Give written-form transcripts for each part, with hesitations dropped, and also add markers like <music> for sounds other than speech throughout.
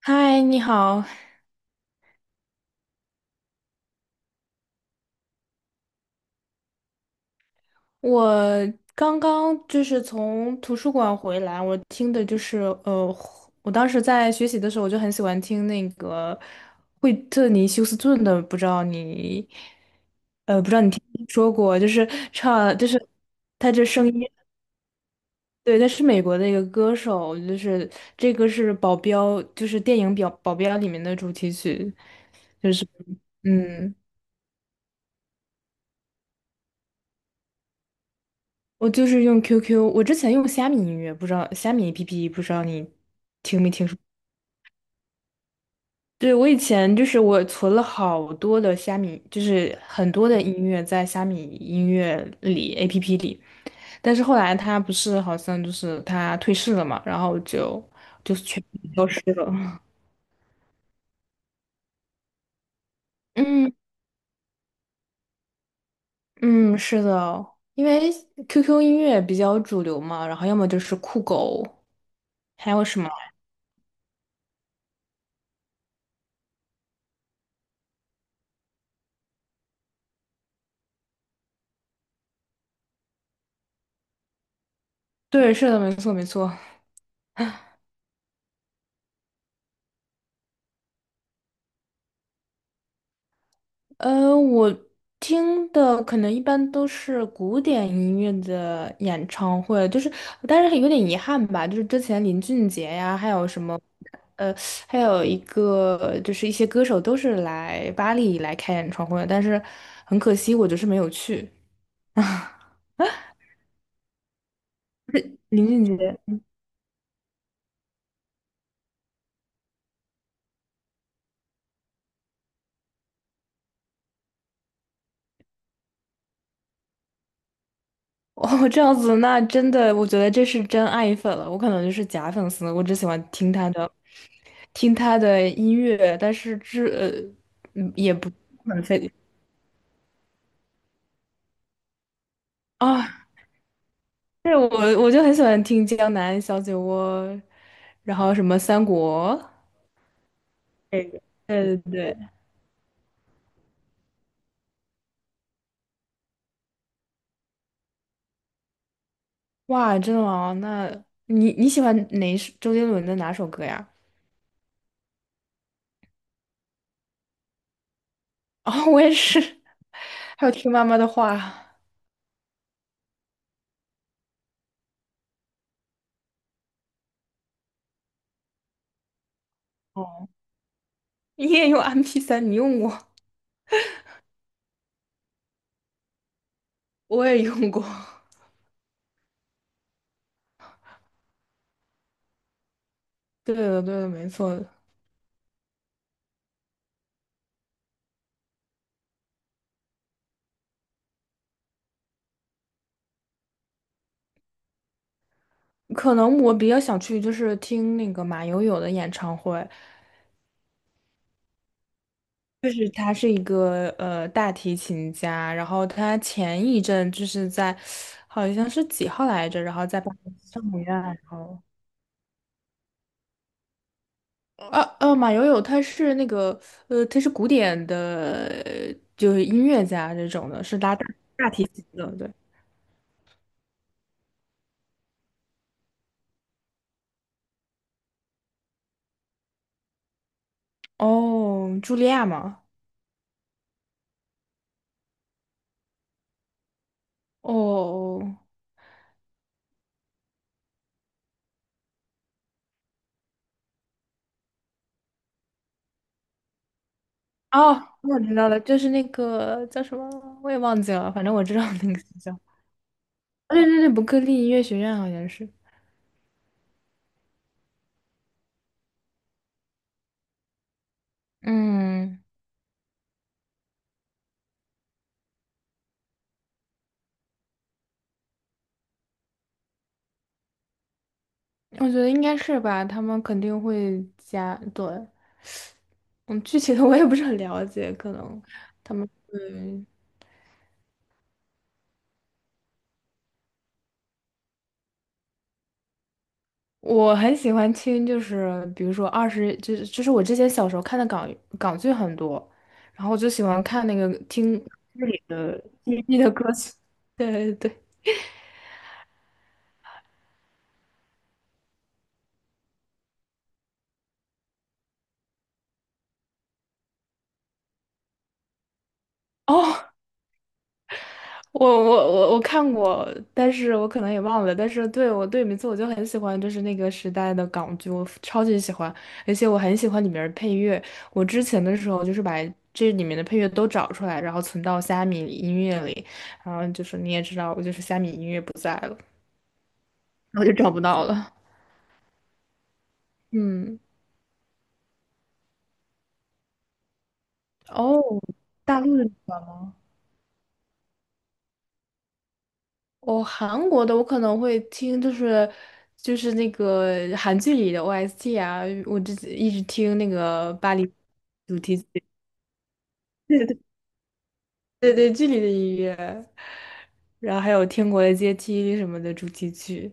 嗨，你好。我刚刚从图书馆回来，我听的呃，我当时在学习的时候，我就很喜欢听那个惠特尼休斯顿的，不知道你，不知道你听没说过，就是唱，就是他这声音。对，他是美国的一个歌手，这个是保镖，就是电影表《保镖》里面的主题曲，就是嗯。我就是用 QQ,我之前用虾米音乐，不知道虾米 APP,不知道你听没听说？对，我以前我存了好多的虾米，就是很多的音乐在虾米音乐里 APP 里，但是后来它不是好像就是它退市了嘛，然后就就是全嗯嗯是的，因为 QQ 音乐比较主流嘛，然后要么就是酷狗，还有什么？对，是的，没错没错。我听的可能一般都是古典音乐的演唱会，但是有点遗憾吧，就是之前林俊杰呀，还有什么，呃，还有一个就是一些歌手都是来巴黎来开演唱会的，但是很可惜，我就是没有去。<laughs> 林俊杰，哦，这样子，那真的，我觉得这是真爱粉了，我可能就是假粉丝，我只喜欢听他的，听他的音乐，但是这，也不。很非，啊，对，我就很喜欢听《江南小酒窝》，然后什么《三国》。对对对，哇，真的吗？那你喜欢哪一首周杰伦的哪首歌呀？哦，我也是。<laughs> 还有听妈妈的话。你也用 m p 三？你用过，我也用过。对的，对的，没错的。可能我比较想去，就是听那个马友友的演唱会。就是他是一个大提琴家，然后他前一阵就是在好像是几号来着，然后在巴黎圣母院，然后马友友他是那个，他是古典的，就是音乐家这种的，是拉大提琴的，对。哦，茱莉亚吗？哦哦，我知道了，就是那个叫什么，我也忘记了，反正我知道那个学校。<laughs> 对对对，伯克利音乐学院好像是。嗯。我觉得应该是吧，他们肯定会加，对，嗯，具体的我也不是很了解，可能他们嗯，我很喜欢听，就是比如说二十，就是我之前小时候看的港剧很多，然后我就喜欢看那个听剧里的 TP 的歌曲。<laughs> 对对对，哦，我看过，但是我可能也忘了。但是对我对名字我就很喜欢，就是那个时代的港剧，我超级喜欢，而且我很喜欢里面的配乐。我之前的时候就是把这里面的配乐都找出来，然后存到虾米音乐里。然后就是你也知道，我就是虾米音乐不在了，然后就找不到了。嗯，哦，大陆的你知道吗？哦，韩国的我可能会听，就是那个韩剧里的 OST 啊，一直听那个巴黎主题曲。<laughs> 对对对对，剧里的音乐，然后还有《天国的阶梯》什么的主题曲。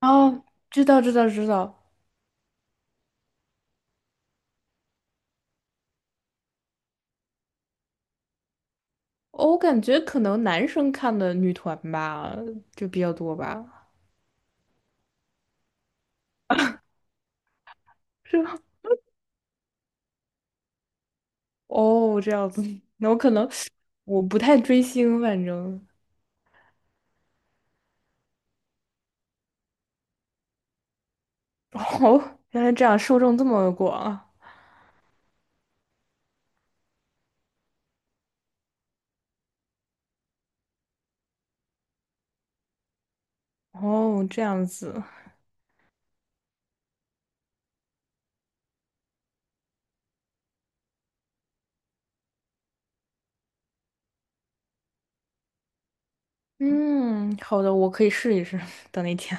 哦，知道知道知道。哦，我感觉可能男生看的女团吧，就比较多吧，是吧？哦，这样子，那我可能我不太追星，反正。 <laughs> 哦，原来这样受众这么广啊。哦，这样子，嗯，好的，我可以试一试。<laughs> 等那天。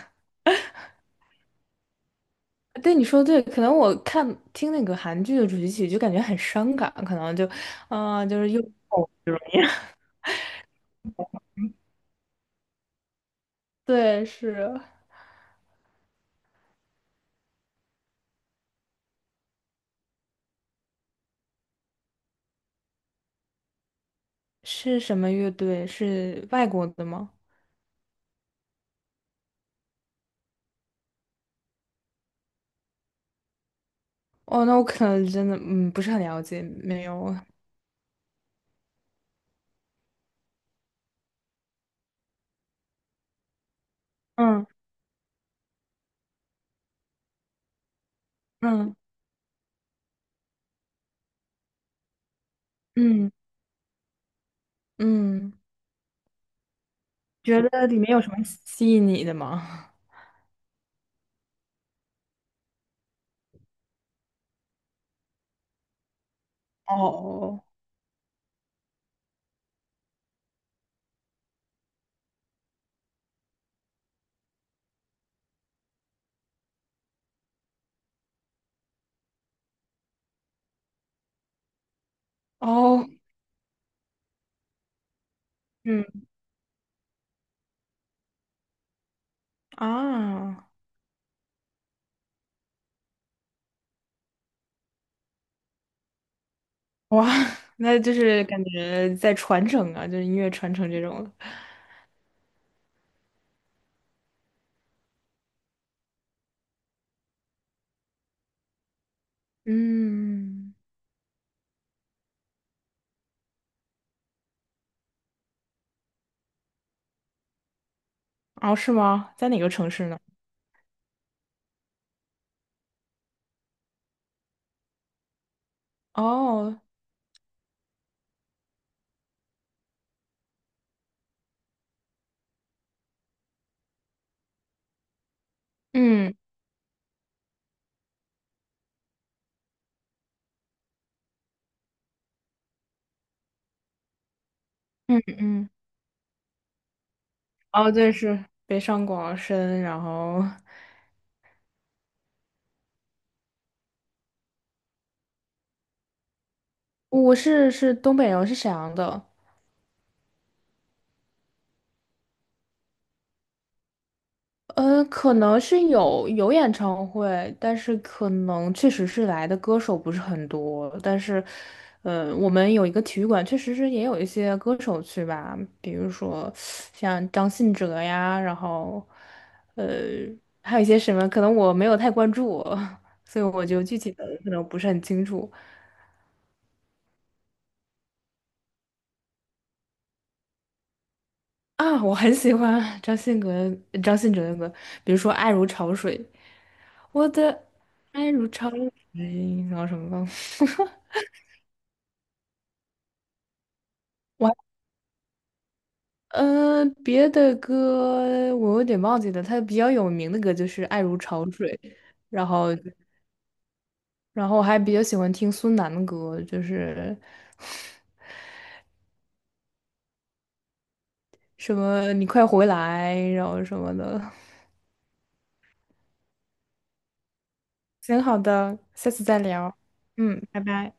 对，你说对，可能听那个韩剧的主题曲就感觉很伤感，可能就，啊、就是又。 <laughs> 哦，这种样。对，是。是什么乐队？是外国的吗？哦，那我可能真的嗯不是很了解，没有，嗯嗯嗯嗯，觉得里面有什么吸引你的吗？哦哦，嗯啊。哇！<laughs> 那就是感觉在传承啊，就是音乐传承这种的。嗯，哦，是吗？在哪个城市呢？哦，嗯嗯嗯，哦，对，是北上广深，然后是东北人，我是沈阳的。可能是有演唱会，但是可能确实是来的歌手不是很多。但是，我们有一个体育馆，确实是也有一些歌手去吧，比如说像张信哲呀，然后，呃，还有一些什么，可能我没有太关注。<laughs> 所以我就具体的可能不是很清楚。啊，我很喜欢张信哲，张信哲的歌，比如说《爱如潮水》，我的爱如潮水，然后什么忘了。我别的歌我有点忘记了，他比较有名的歌就是《爱如潮水》，然后然后我还比较喜欢听孙楠的歌，就是什么你快回来，然后什么的。行，好的，下次再聊，嗯，拜拜。